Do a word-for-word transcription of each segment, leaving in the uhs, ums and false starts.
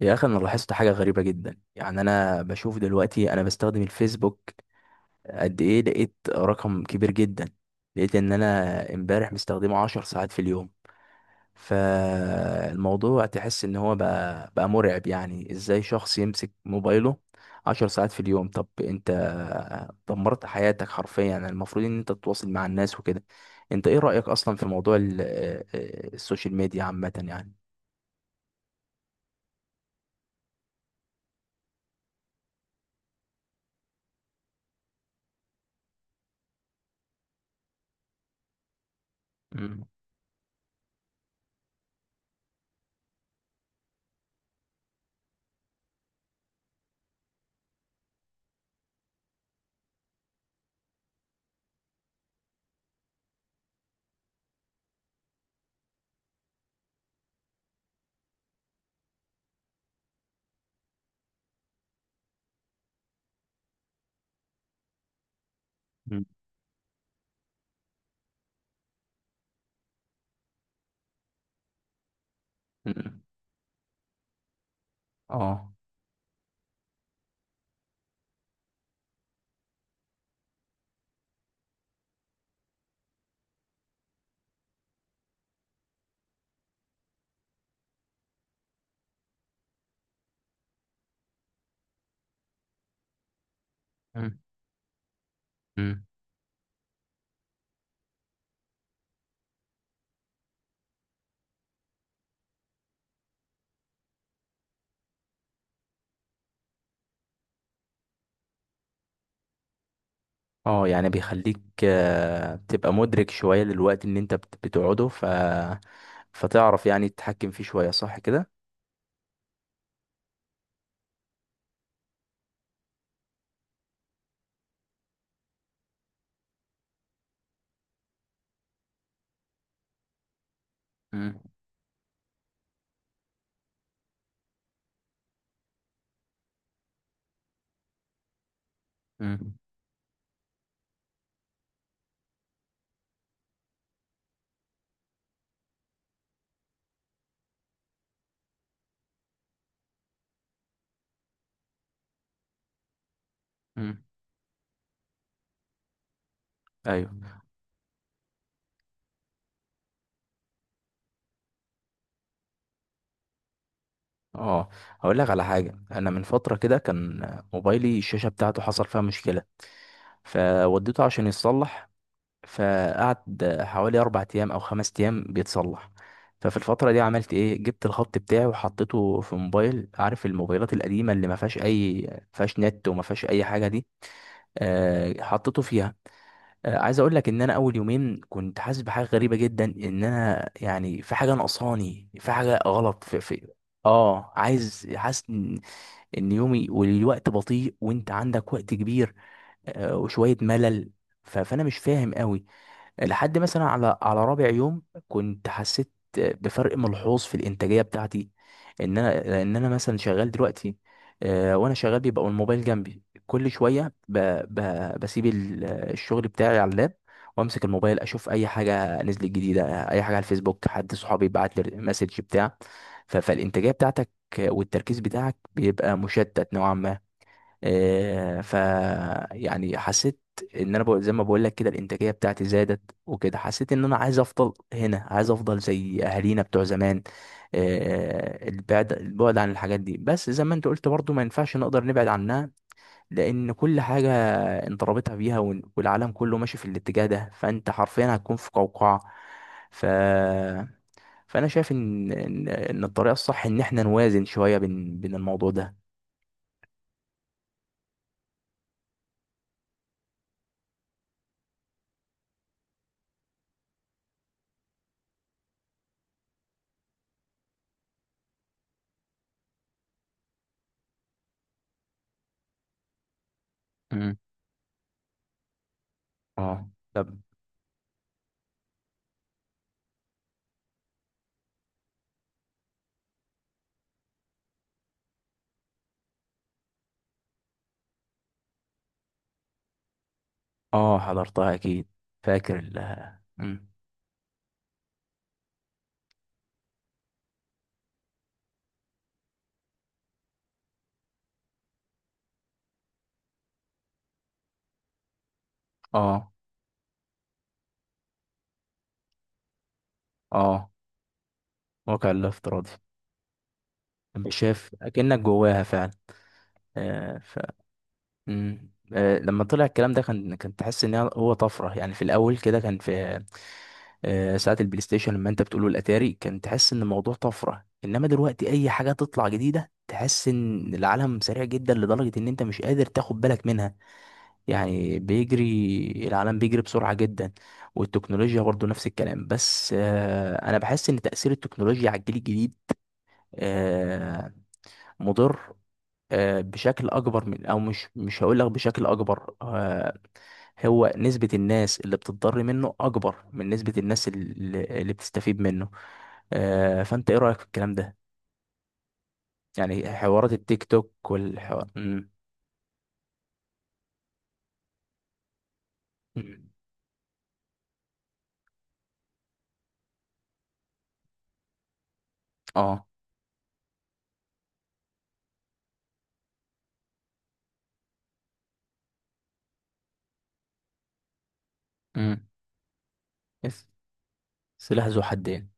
يا اخي، انا لاحظت حاجه غريبه جدا. يعني انا بشوف دلوقتي انا بستخدم الفيسبوك قد ايه. لقيت رقم كبير جدا. لقيت ان انا امبارح مستخدمه عشر ساعات في اليوم. فالموضوع تحس ان هو بقى بقى مرعب. يعني ازاي شخص يمسك موبايله عشر ساعات في اليوم؟ طب انت دمرت حياتك حرفيا. يعني المفروض ان انت تتواصل مع الناس وكده. انت ايه رأيك اصلا في موضوع ال- آه، آه، السوشيال ميديا عامه يعني؟ مم. مم. مم. اه. مم. مم. اه، يعني بيخليك، آه، تبقى مدرك شوية للوقت اللي انت بت- بتقعده. ف فتعرف يعني تتحكم فيه شوية، صح كده. مم. مم. مم. ايوه. اه، هقول لك على حاجة. انا من فترة كده كان موبايلي الشاشة بتاعته حصل فيها مشكلة، فوديته عشان يتصلح، فقعد حوالي اربع ايام او خمس ايام بيتصلح. ففي الفترة دي عملت ايه؟ جبت الخط بتاعي وحطيته في موبايل. عارف الموبايلات القديمة اللي ما فيهاش اي، ما فيهاش نت وما فيهاش اي حاجة دي؟ آه، حطيته فيها. آه، عايز اقول لك ان انا اول يومين كنت حاسس بحاجه غريبه جدا، ان انا يعني في حاجه ناقصاني، في حاجه غلط في, في. اه، عايز حاسس ان إن يومي والوقت بطيء، وانت عندك وقت كبير، آه، وشويه ملل. ف- فانا مش فاهم قوي، لحد مثلا على على رابع يوم كنت حسيت بفرق ملحوظ في الانتاجيه بتاعتي. ان انا، لان انا مثلا شغال دلوقتي، آه، وانا شغال بيبقى الموبايل جنبي. كل شويه ب... ب... بسيب ال- الشغل بتاعي على اللاب، وامسك الموبايل اشوف اي حاجه نزلت جديده، اي حاجه على الفيسبوك، حد صحابي بعت لي مسج بتاع. ف... فالانتاجيه بتاعتك والتركيز بتاعك بيبقى مشتت نوعا ما. آه، ف يعني حسيت ان انا، بقول زي ما بقول لك كده، الانتاجيه بتاعتي زادت وكده. حسيت ان انا عايز افضل هنا، عايز افضل زي اهالينا بتوع زمان. آه، البعد البعد عن الحاجات دي. بس زي ما انت قلت برضو، ما ينفعش نقدر نبعد عنها، لان كل حاجه انت رابطها بيها، وال- والعالم كله ماشي في الاتجاه ده، فانت حرفيا هتكون في قوقعه. ف فانا شايف ان ان إن الطريقه الصح ان احنا نوازن شويه بين بين الموضوع ده. مم. اه، طب. اه، حضرتها اكيد. فاكر ال مم. اه. اه، واقع الافتراضي. انت شايف اكنك جواها فعلا. آه. ف مم. آه، لما طلع الكلام ده كان كان تحس ان هو طفره. يعني في الاول كده كان في آه، ساعه البلاي ستيشن لما انت بتقوله الاتاري، كان تحس ان الموضوع طفره. انما دلوقتي اي حاجه تطلع جديده، تحس ان العالم سريع جدا لدرجه ان انت مش قادر تاخد بالك منها. يعني بيجري، العالم بيجري بسرعة جدا، والتكنولوجيا برضو نفس الكلام. بس آه، أنا بحس إن تأثير التكنولوجيا على الجيل الجديد آه، مضر، آه، بشكل أكبر من، أو مش مش هقول لك بشكل أكبر، آه، هو نسبة الناس اللي بتضر منه أكبر من نسبة الناس اللي, اللي بتستفيد منه. آه، فأنت إيه رأيك في الكلام ده؟ يعني حوارات التيك توك والحوار مم. مم. اه. مم. سلاح ذو حدين.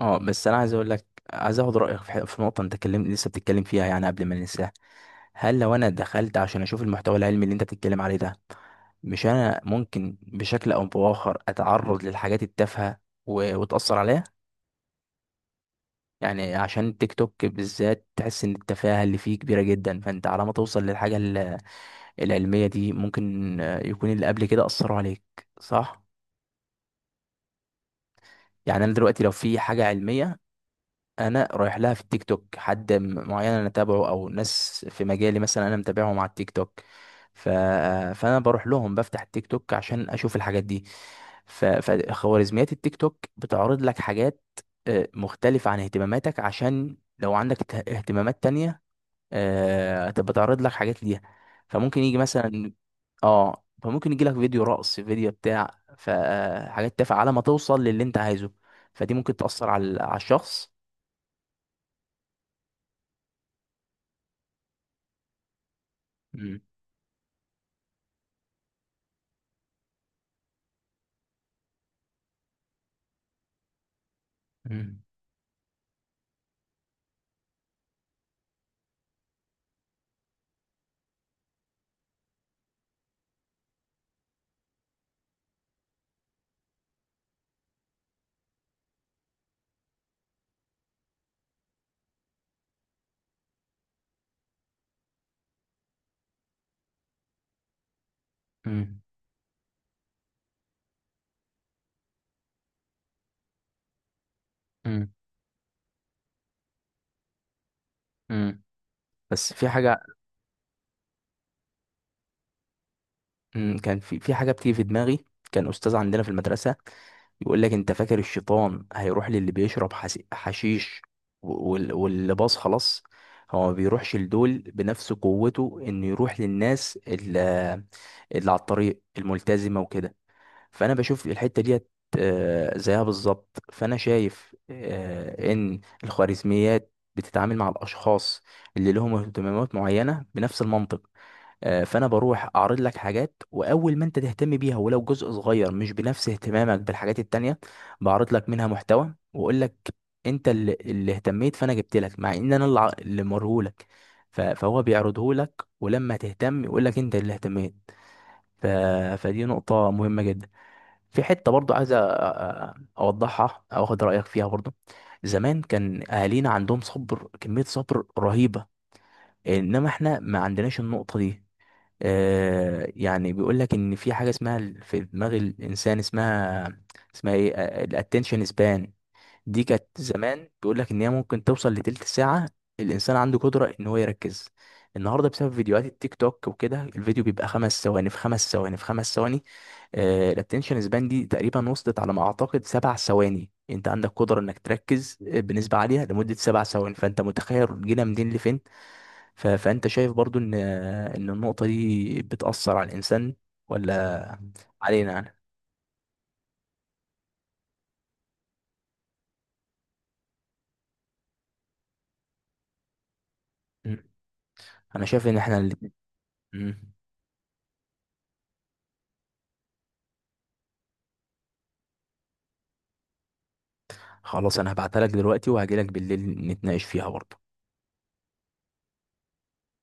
اه، بس انا عايز اقول لك، عايز اخد رايك في ح- في نقطه انت اتكلم، لسه بتتكلم فيها، يعني قبل ما ننساها. هل لو انا دخلت عشان اشوف المحتوى العلمي اللي انت بتتكلم عليه ده، مش انا ممكن بشكل او باخر اتعرض للحاجات التافهه، و- وتاثر عليها؟ يعني عشان التيك توك بالذات تحس ان التفاهه اللي فيه كبيره جدا، فانت على ما توصل للحاجه ال- العلميه دي ممكن آه، يكون اللي قبل كده اثروا عليك. صح؟ يعني انا دلوقتي لو في حاجه علميه انا رايح لها في التيك توك، حد م- معين انا تابعه، او ناس في مجالي مثلا انا متابعهم على التيك توك، ف... فانا بروح لهم، بفتح التيك توك عشان اشوف الحاجات دي. ف... فخوارزميات التيك توك بتعرض لك حاجات آه، مختلفة عن اهتماماتك. عشان لو عندك ت- اهتمامات تانية، آه، تبقى تعرض لك حاجات ليها. فممكن يجي مثلا، اه، فممكن يجي لك فيديو رقص، فيديو بتاع، فحاجات تافهة على ما توصل للي انت عايزه، فدي ممكن تأثر على على الشخص. مم. مم. مم. مم. بس في حاجة مم. كان في في حاجة بتيجي في دماغي. كان أستاذ عندنا في المدرسة يقول لك أنت فاكر الشيطان هيروح للي بيشرب حس- حشيش و- وال- واللي باص خلاص. هو ما بيروحش لدول بنفس قوته إنه يروح للناس اللي, اللي على الطريق الملتزمة وكده. فانا بشوف الحته ديت آه، زيها بالظبط. فانا شايف آه، ان الخوارزميات بتتعامل مع الاشخاص اللي لهم اهتمامات معينه بنفس المنطق. آه، فانا بروح اعرض لك حاجات، واول ما انت تهتم بيها ولو جزء صغير مش بنفس اهتمامك بالحاجات التانية، بعرض لك منها محتوى واقول لك انت اللي, اللي اهتميت فانا جبت لك. مع ان انا الع- اللي مرهولك. ف- فهو بيعرضه لك، ولما تهتم يقول لك انت اللي اهتميت. ف... فدي نقطة مهمة جدا. في حتة برضو عايز أ- أ- أوضحها، أو أخد رأيك فيها برضو. زمان كان أهالينا عندهم صبر، كمية صبر رهيبة، إنما إحنا ما عندناش النقطة دي. آه، يعني بيقول لك إن في حاجة اسمها ال- في دماغ الإنسان اسمها، اسمها إيه، الاتنشن سبان. دي كانت زمان بيقول لك ان هي ممكن توصل لتلت ساعة. الانسان عنده قدرة ان هو يركز. النهارده بسبب فيديوهات التيك توك وكده، الفيديو بيبقى خمس ثواني في خمس ثواني في خمس ثواني. الاتنشن سبان دي تقريبا وصلت على ما اعتقد سبع ثواني. انت عندك قدرة انك تركز آه، بنسبة عالية لمدة سبع ثواني. فانت متخيل جينا منين لفين. ف- فانت شايف برضو ان ان النقطة دي بتأثر على الانسان ولا علينا؟ انا مم. انا شايف ان احنا الاتنين. خلاص، انا هبعتها لك دلوقتي، وهجيلك بالليل نتناقش فيها برضه.